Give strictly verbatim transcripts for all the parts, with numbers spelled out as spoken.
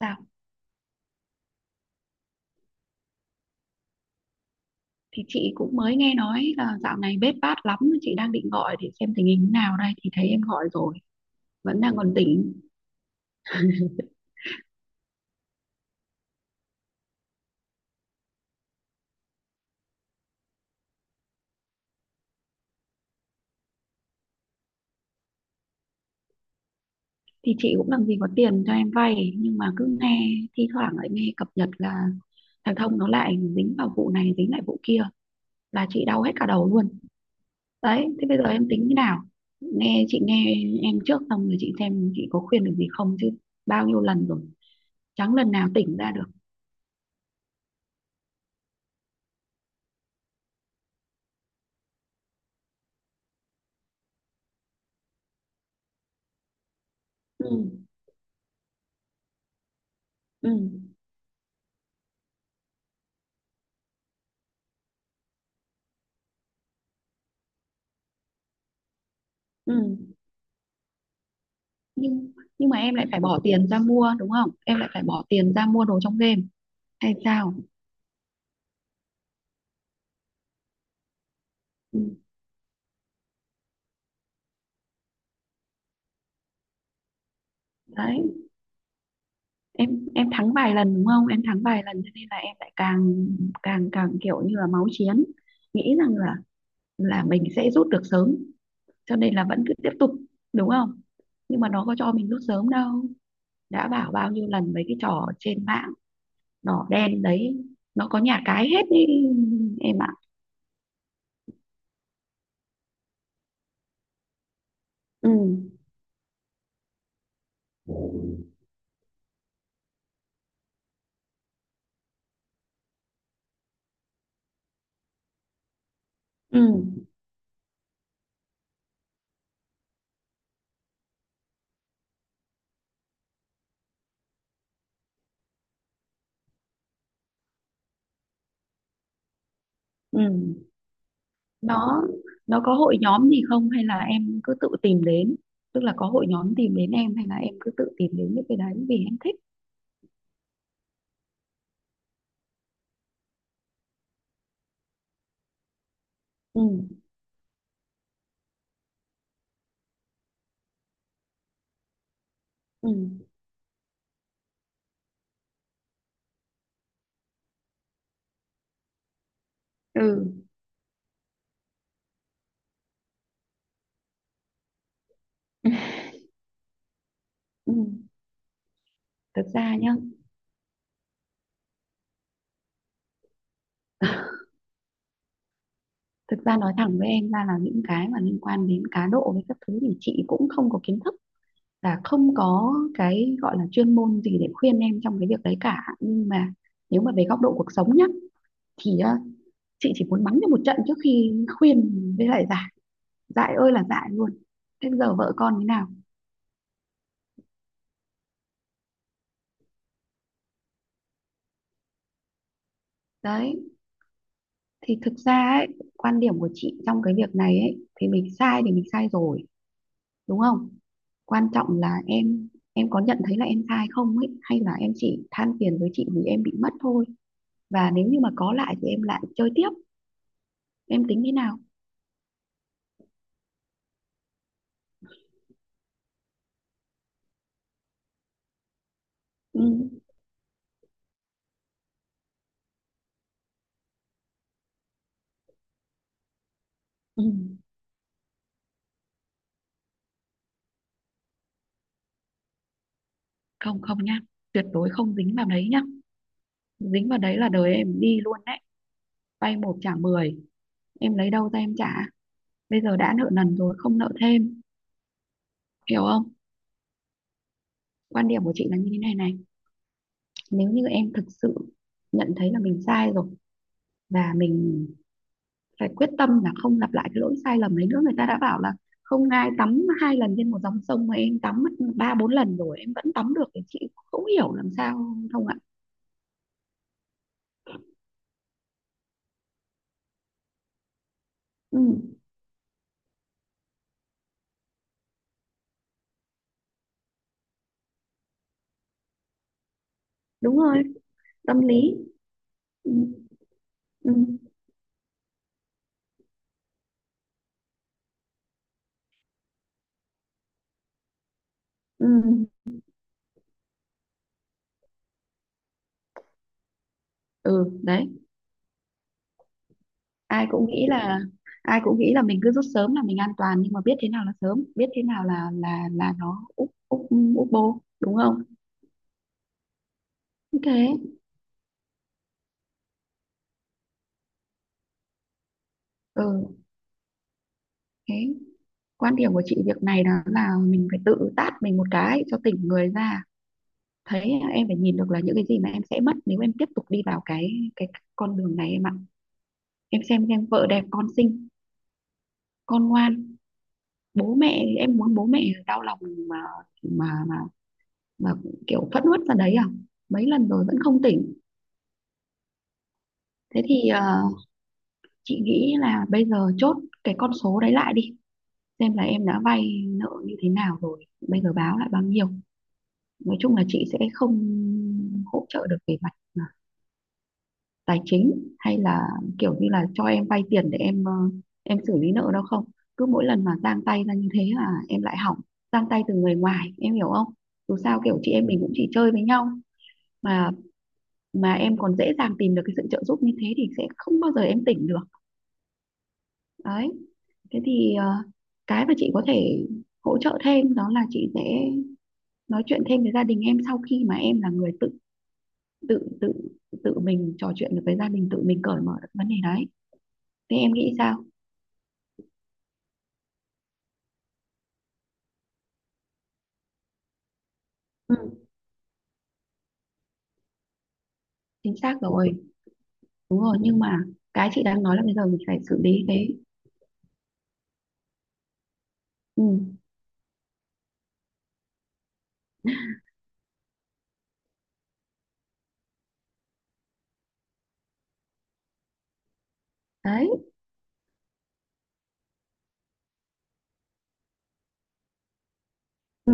Dạ, thì chị cũng mới nghe nói là dạo này bết bát lắm, chị đang định gọi để xem tình hình thế nào đây thì thấy em gọi rồi, vẫn đang còn tỉnh. Thì chị cũng làm gì có tiền cho em vay nhưng mà cứ nghe thi thoảng lại nghe cập nhật là thằng Thông nó lại dính vào vụ này dính lại vụ kia là chị đau hết cả đầu luôn. Đấy, thế bây giờ em tính như nào? Nghe chị nghe em trước xong rồi chị xem chị có khuyên được gì không chứ bao nhiêu lần rồi, chẳng lần nào tỉnh ra được. Ừ, ừ, ừ. nhưng nhưng mà em lại phải bỏ tiền ra mua, đúng không? Em lại phải bỏ tiền ra mua đồ trong game hay sao? Ừ, đấy. Em em thắng vài lần đúng không? Em thắng vài lần cho nên là em lại càng càng càng kiểu như là máu chiến, nghĩ rằng là là mình sẽ rút được sớm cho nên là vẫn cứ tiếp tục, đúng không? Nhưng mà nó có cho mình rút sớm đâu. Đã bảo bao nhiêu lần mấy cái trò trên mạng đỏ đen đấy, nó có nhà cái hết đi em ạ. Ừ, ừ, ừ. Nó nó có hội nhóm gì không hay là em cứ tự tìm đến? Tức là có hội nhóm tìm đến em hay là em cứ tự tìm đến những cái đấy vì em thích? Ừ, ừ, ừ, ừ. Thực ra nhá, thực ra nói thẳng với em ra là những cái mà liên quan đến cá độ với các thứ thì chị cũng không có kiến thức, là không có cái gọi là chuyên môn gì để khuyên em trong cái việc đấy cả. Nhưng mà nếu mà về góc độ cuộc sống nhá, thì ờ, chị chỉ muốn mắng cho một trận trước khi khuyên với lại giải. Dại ơi là dại luôn. Thế giờ vợ con thế nào? Đấy, thì thực ra ấy, quan điểm của chị trong cái việc này ấy thì mình sai thì mình sai rồi, đúng không? Quan trọng là em em có nhận thấy là em sai không ấy, hay là em chỉ than phiền với chị vì em bị mất thôi. Và nếu như mà có lại thì em lại chơi tiếp. Em tính thế nào? Ừ, ừ. Không không nhá, tuyệt đối không dính vào đấy nhá. Dính vào đấy là đời em đi luôn đấy. Vay một trả mười, em lấy đâu ra em trả? Bây giờ đã nợ nần rồi, không nợ thêm, hiểu không? Quan điểm của chị là như thế này này. Nếu như em thực sự nhận thấy là mình sai rồi, và mình phải quyết tâm là không lặp lại cái lỗi sai lầm đấy nữa. Người ta đã bảo là không ai tắm hai lần trên một dòng sông mà em tắm mất ba bốn lần rồi em vẫn tắm được thì chị không hiểu làm sao, không ạ? Ừ, đúng rồi. Tâm lý. Ừ, ừ, ừ, ừ. Đấy, ai cũng nghĩ là ai cũng nghĩ là mình cứ rút sớm là mình an toàn nhưng mà biết thế nào là sớm, biết thế nào là là là nó úp úp úp bô, đúng không, như thế. Ừ. Thế quan điểm của chị việc này đó là mình phải tự tát mình một cái cho tỉnh người ra. Thấy em phải nhìn được là những cái gì mà em sẽ mất nếu em tiếp tục đi vào cái cái con đường này em ạ. Em xem xem vợ đẹp con xinh, con ngoan. Bố mẹ em muốn bố mẹ đau lòng mà mà mà, mà kiểu phẫn uất ra đấy à? Mấy lần rồi vẫn không tỉnh. Thế thì ờ, chị nghĩ là bây giờ chốt cái con số đấy lại đi, xem là em đã vay nợ như thế nào rồi, bây giờ báo lại bao nhiêu. Nói chung là chị sẽ không hỗ trợ được về mặt à, tài chính hay là kiểu như là cho em vay tiền để em ờ, em xử lý nợ đâu không. Cứ mỗi lần mà giang tay ra như thế là em lại hỏng. Giang tay từ người ngoài, em hiểu không? Dù sao kiểu chị em mình cũng chỉ chơi với nhau mà mà em còn dễ dàng tìm được cái sự trợ giúp như thế thì sẽ không bao giờ em tỉnh được. Đấy. Thế thì ờ, cái mà chị có thể hỗ trợ thêm đó là chị sẽ nói chuyện thêm với gia đình em sau khi mà em là người tự tự tự tự mình trò chuyện được với gia đình, tự mình cởi mở được vấn đề đấy. Thế em nghĩ sao? Ừ, chính xác rồi. Đúng rồi, nhưng mà cái chị đang nói là bây giờ mình phải xử lý cái. Ừ, đấy. Ừ,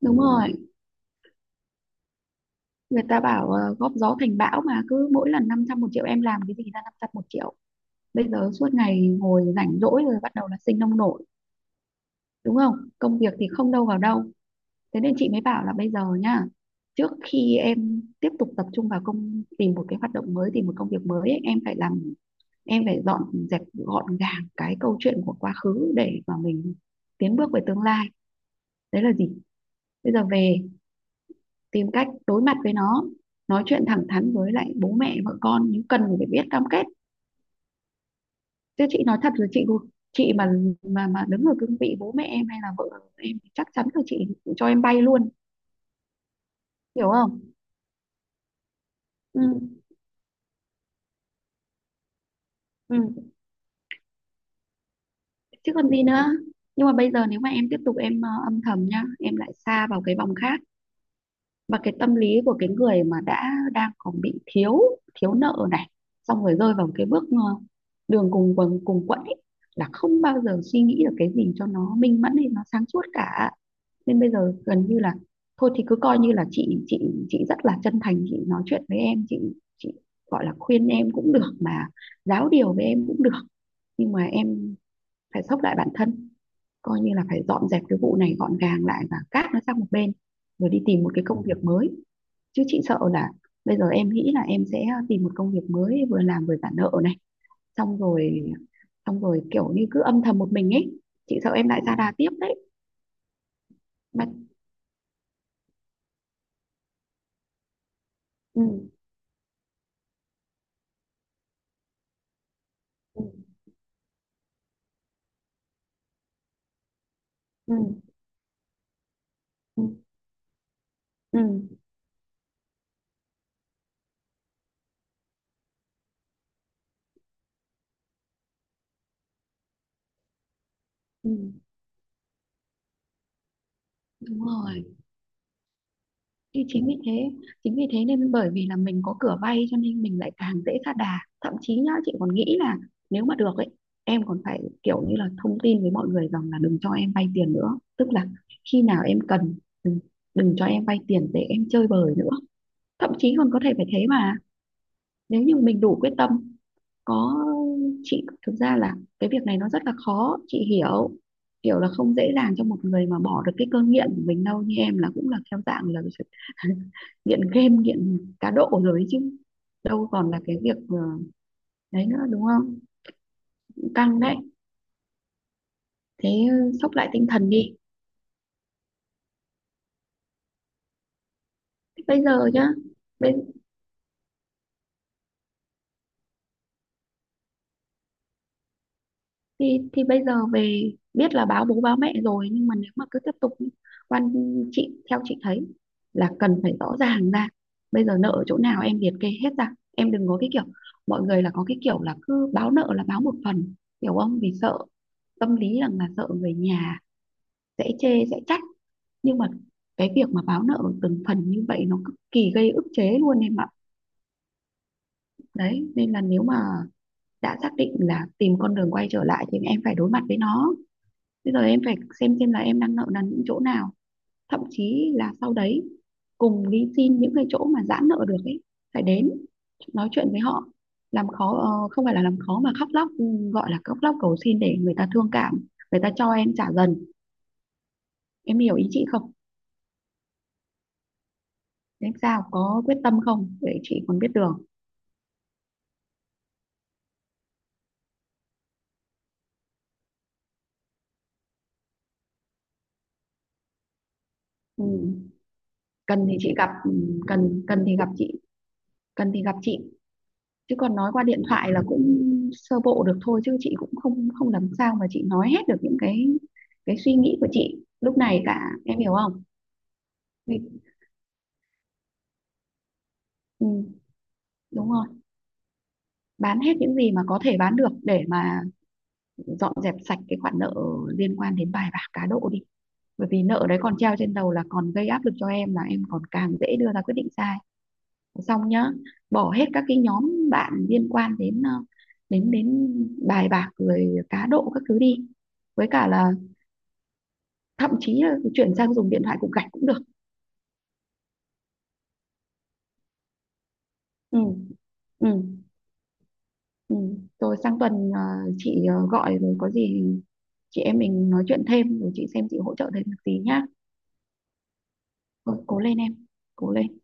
đúng rồi. Người ta bảo ờ, góp gió thành bão mà cứ mỗi lần năm trăm một triệu, em làm cái gì ra năm trăm một triệu? Bây giờ suốt ngày ngồi rảnh rỗi rồi bắt đầu là sinh nông nổi, đúng không? Công việc thì không đâu vào đâu. Thế nên chị mới bảo là bây giờ nhá, trước khi em tiếp tục tập trung vào công tìm một cái hoạt động mới, tìm một công việc mới ấy, em phải làm, em phải dọn dẹp gọn gàng cái câu chuyện của quá khứ để mà mình tiến bước về tương lai. Đấy là gì? Bây giờ về tìm cách đối mặt với nó, nói chuyện thẳng thắn với lại bố mẹ vợ con nhưng cần phải biết cam kết. Chứ chị nói thật rồi, chị chị mà mà mà đứng ở cương vị bố mẹ em hay là vợ em thì chắc chắn là chị cho em bay luôn, hiểu không? Ừ, ừ. Chứ còn gì nữa. Nhưng mà bây giờ nếu mà em tiếp tục em ờ, âm thầm nhá, em lại xa vào cái vòng khác. Và cái tâm lý của cái người mà đã đang còn bị thiếu thiếu nợ này xong rồi rơi vào cái bước ờ, đường cùng quần cùng quẫn ấy là không bao giờ suy nghĩ được cái gì cho nó minh mẫn hay nó sáng suốt cả. Nên bây giờ gần như là thôi thì cứ coi như là chị chị chị rất là chân thành chị nói chuyện với em. Chị chị gọi là khuyên em cũng được mà giáo điều với em cũng được. Nhưng mà em phải xốc lại bản thân, coi như là phải dọn dẹp cái vụ này gọn gàng lại và cát nó sang một bên rồi đi tìm một cái công việc mới. Chứ chị sợ là bây giờ em nghĩ là em sẽ tìm một công việc mới vừa làm vừa trả nợ này, xong rồi xong rồi kiểu như cứ âm thầm một mình ấy. Chị sợ em lại ra đà tiếp đấy. Mà. Ừ, ừ, ừ, ừ, ừ, ừ, đúng rồi. Thì chính vì thế, chính vì thế nên bởi vì là mình có cửa vay cho nên mình lại càng dễ sa đà. Thậm chí nhá, chị còn nghĩ là nếu mà được ấy, em còn phải kiểu như là thông tin với mọi người rằng là đừng cho em vay tiền nữa. Tức là khi nào em cần, đừng, đừng cho em vay tiền để em chơi bời nữa. Thậm chí còn có thể phải thế mà. Nếu như mình đủ quyết tâm. Có. Chị thực ra là cái việc này nó rất là khó. Chị hiểu hiểu là không dễ dàng cho một người mà bỏ được cái cơn nghiện của mình đâu, như em là cũng là theo dạng là nghiện game nghiện cá độ rồi ấy chứ. Đâu còn là cái việc ờ, đấy nữa, đúng không? Căng đấy. Thế ờ, sốc lại tinh thần đi. Bây giờ chứ. bây thì thì bây giờ về biết là báo bố báo mẹ rồi nhưng mà nếu mà cứ tiếp tục ý, quan chị theo chị thấy là cần phải rõ ràng ra. Bây giờ nợ ở chỗ nào em liệt kê hết ra. Em đừng có cái kiểu mọi người là có cái kiểu là cứ báo nợ là báo một phần, hiểu không? Vì sợ tâm lý rằng là sợ người nhà sẽ chê sẽ trách. Nhưng mà cái việc mà báo nợ từng phần như vậy nó cực kỳ gây ức chế luôn em ạ. Đấy nên là nếu mà đã xác định là tìm con đường quay trở lại thì em phải đối mặt với nó. Bây giờ em phải xem xem là em đang nợ nần những chỗ nào, thậm chí là sau đấy cùng đi xin những cái chỗ mà giãn nợ được ấy, phải đến nói chuyện với họ. Làm khó, ờ, không phải là làm khó mà khóc lóc, ừ, gọi là khóc lóc cầu xin để người ta thương cảm, người ta cho em trả dần. Em hiểu ý chị không? Em sao, có quyết tâm không để chị còn biết đường? Ừ. Cần thì chị gặp. Ừ, cần cần thì gặp chị, cần thì gặp chị. Chứ còn nói qua điện thoại là cũng sơ bộ được thôi chứ chị cũng không không làm sao mà chị nói hết được những cái cái suy nghĩ của chị lúc này cả, em hiểu không? Vì- Ừ, đúng rồi. Bán hết những gì mà có thể bán được để mà dọn dẹp sạch cái khoản nợ liên quan đến bài bạc cá độ đi. Bởi vì nợ đấy còn treo trên đầu là còn gây áp lực cho em, là em còn càng dễ đưa ra quyết định sai. Xong nhá, bỏ hết các cái nhóm bạn liên quan đến ờ, đến đến bài bạc rồi cá độ các thứ đi. Với cả là, thậm chí là chuyển sang dùng điện thoại cục gạch cũng được. Ừ, ừ, ừ. Rồi sang tuần ờ, chị ờ, gọi rồi có gì chị em mình nói chuyện thêm rồi chị xem chị hỗ trợ thêm được gì nhá. Rồi cố lên em, cố lên.